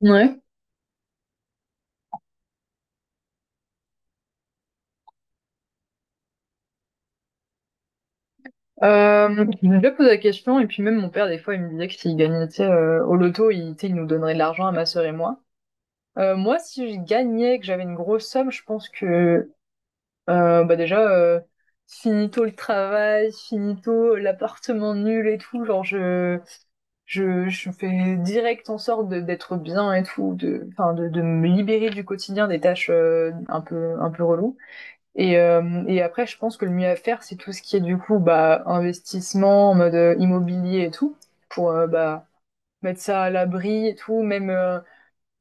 Ouais. Je me suis déjà posé la question, et puis même mon père, des fois, il me disait que s'il gagnait, tu sais, au loto, il, tu sais, il nous donnerait de l'argent à ma sœur et moi. Moi, si je gagnais, que j'avais une grosse somme, je pense que, bah déjà, finito le travail, finito l'appartement nul et tout, genre, je fais direct en sorte d'être bien et tout, de, enfin, de me libérer du quotidien des tâches, un peu reloues. Et après, je pense que le mieux à faire, c'est tout ce qui est du coup bah, investissement en mode immobilier et tout, pour bah, mettre ça à l'abri et tout. Même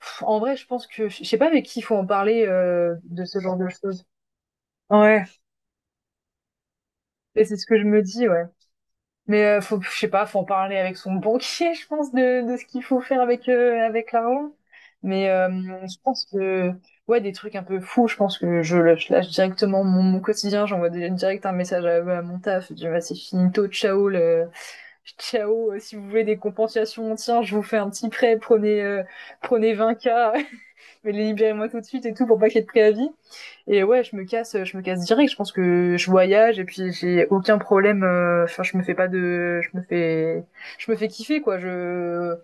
pff, en vrai, je pense que je sais pas avec qui il faut en parler de ce genre de choses. Ouais, et c'est ce que je me dis, ouais. Mais faut, je sais pas, faut en parler avec son banquier, je pense, de ce qu'il faut faire avec avec l'argent. Mais je pense que ouais, des trucs un peu fous. Je pense que je, lâche directement mon, mon quotidien. Direct un message à mon taf. Je dis bah, c'est finito, ciao, le, ciao. Si vous voulez des compensations, tiens, je vous fais un petit prêt. Prenez prenez 20K mais libérez-moi tout de suite et tout pour pas qu'il y ait de préavis. Et ouais, je me casse direct. Je pense que je voyage et puis j'ai aucun problème. Enfin, je me fais pas de, je me fais kiffer quoi. Je,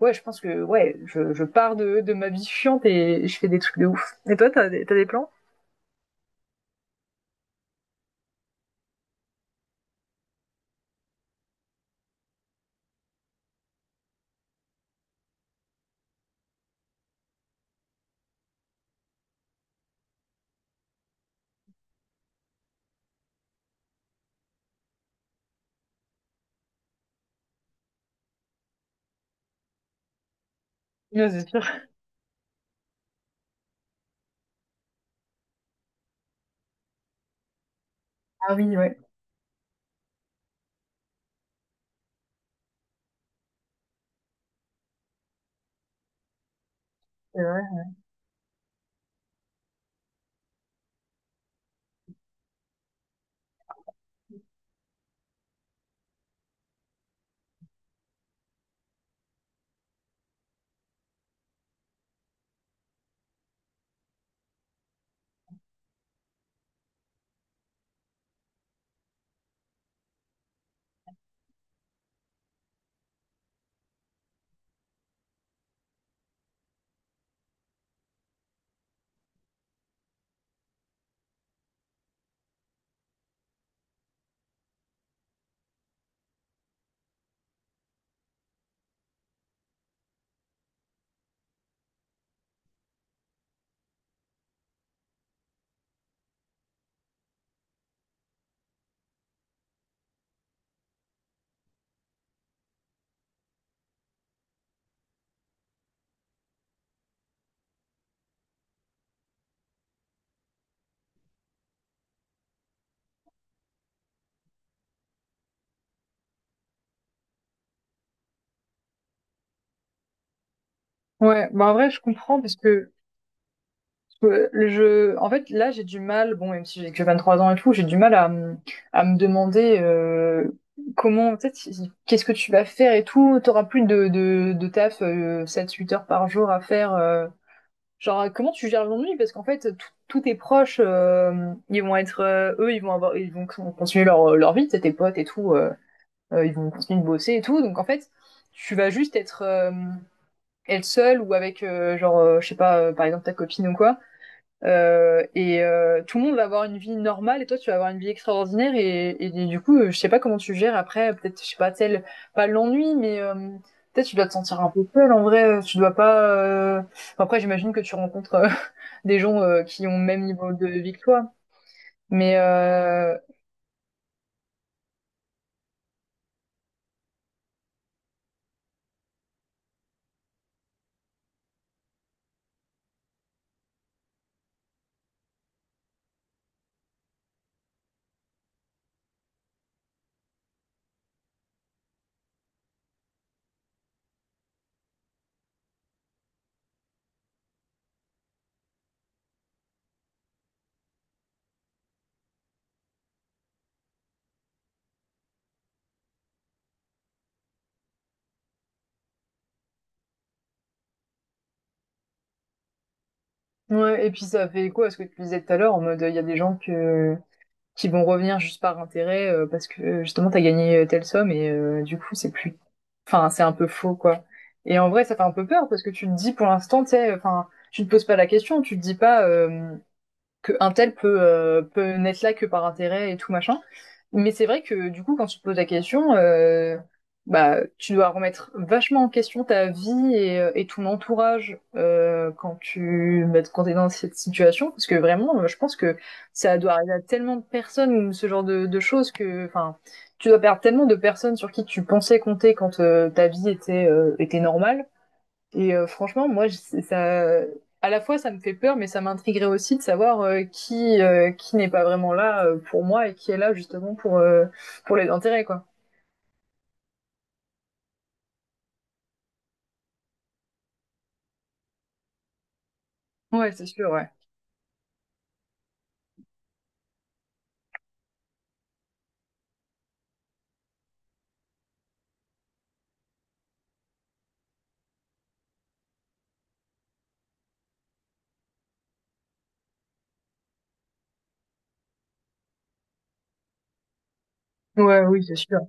ouais, je pense que ouais, je pars de ma vie chiante et je fais des trucs de ouf. Et toi, t'as des plans? Ouais, c'est sûr. Ah oui, ouais. C'est vrai. Ouais, bah en vrai, je comprends parce que je, en fait, là, j'ai du mal, bon, même si j'ai que 23 ans et tout, j'ai du mal à me demander comment, peut-être, qu'est-ce que tu vas faire et tout. T'auras plus de taf 7-8 heures par jour à faire. Genre, comment tu gères l'ennui? Parce qu'en fait, tous tes proches, ils vont être, eux, ils vont avoir, ils vont continuer leur, leur vie, t'sais, tes potes et tout, ils vont continuer de bosser et tout. Donc, en fait, tu vas juste être, être seule ou avec, genre, je sais pas, par exemple, ta copine ou quoi. Et tout le monde va avoir une vie normale et toi tu vas avoir une vie extraordinaire et du coup je sais pas comment tu gères après peut-être je sais pas tel pas l'ennui mais peut-être tu dois te sentir un peu seul en vrai tu dois pas enfin, après j'imagine que tu rencontres des gens qui ont le même niveau de vie que toi mais ouais, et puis ça fait écho à ce que tu disais tout à l'heure en mode il y a des gens que qui vont revenir juste par intérêt parce que justement t'as gagné telle somme et du coup c'est plus enfin, c'est un peu faux, quoi. Et en vrai, ça fait un peu peur parce que tu te dis pour l'instant, tu sais, enfin, tu te poses pas la question, tu te dis pas. Qu'un tel peut, peut n'être là que par intérêt et tout machin. Mais c'est vrai que du coup, quand tu te poses la question, bah, tu dois remettre vachement en question ta vie et ton entourage quand tu bah, quand t'es dans cette situation, parce que vraiment, je pense que ça doit arriver à tellement de personnes ce genre de choses que, enfin, tu dois perdre tellement de personnes sur qui tu pensais compter quand ta vie était était normale et franchement, moi, je- ça, à la fois, ça me fait peur, mais ça m'intriguerait aussi de savoir qui n'est pas vraiment là pour moi et qui est là justement pour les intérêts, quoi. Ouais, c'est sûr, ouais. Ouais, oui, c'est sûr.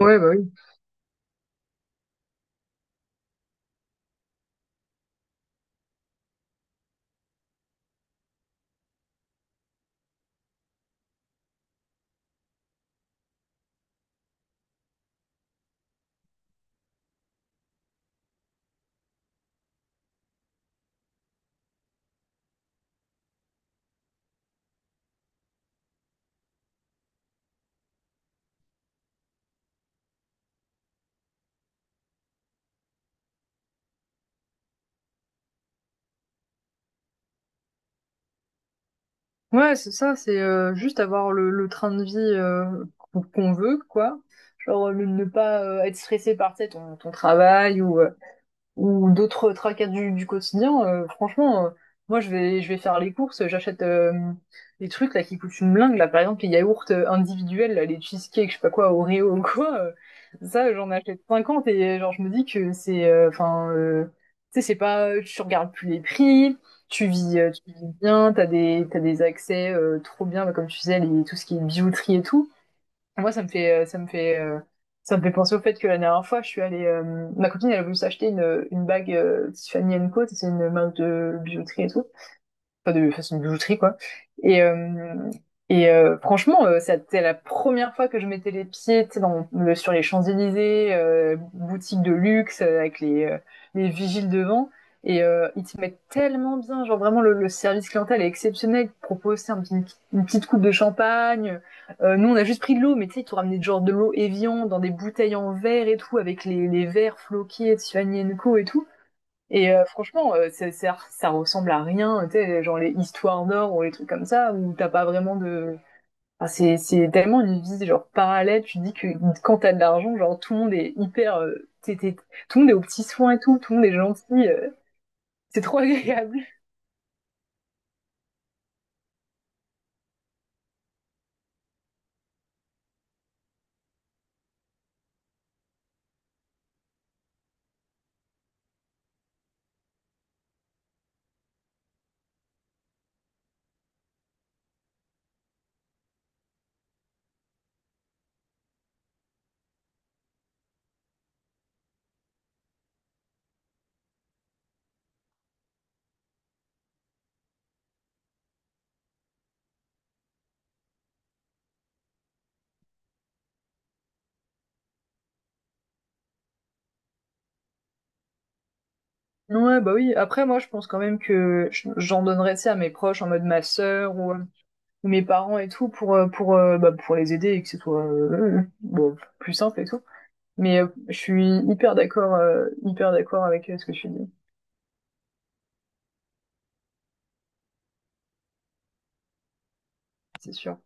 Ouais, bah oui. Ouais, c'est ça, c'est juste avoir le train de vie qu'on qu'on veut, quoi. Genre, ne ne pas être stressé par, tu sais, ton, ton travail ou d'autres tracas du quotidien, franchement, moi je vais faire les courses, j'achète des trucs là qui coûtent une blinde là, par exemple les yaourts individuels, là, les cheesecakes, je sais pas quoi, Oreo ou quoi, ça j'en achète 50 et genre je me dis que c'est enfin tu sais c'est pas tu regardes plus les prix, tu vis bien, t'as des accès trop bien bah, comme tu disais les, tout ce qui est bijouterie et tout. Moi, ça me fait, ça me fait, ça me fait penser au fait que la dernière fois, je suis allée, ma copine, elle a voulu s'acheter une bague Tiffany Co. C'est une marque de bijouterie et tout pas de façon de bijouterie quoi. Et euh, et franchement, c'était la première fois que je mettais les pieds, tu sais, dans le, sur les Champs-Élysées, boutique de luxe avec les vigiles devant. Et ils te mettent tellement bien, genre vraiment le service clientèle est exceptionnel. Ils te proposent tu sais, une, petite coupe de champagne. Nous on a juste pris de l'eau, mais tu sais ils t'ont ramené genre de l'eau Evian dans des bouteilles en verre et tout avec les verres floqués de Suanienko et tout. Et franchement, ça ressemble à rien, tu sais, genre les histoires d'or ou les trucs comme ça, où t'as pas vraiment de... Enfin, c'est tellement une vie genre parallèle, tu dis que quand t'as de l'argent, genre tout le monde est hyper... t'es- t'es- tout le monde est aux petits soins et tout, tout le monde est gentil, c'est trop agréable. Ouais, bah oui, après moi je pense quand même que j'en donnerais ça à mes proches, en mode ma sœur ou mes parents et tout, pour, bah, pour les aider et que ce soit bon, plus simple et tout. Mais je suis hyper d'accord avec ce que tu dis, c'est sûr.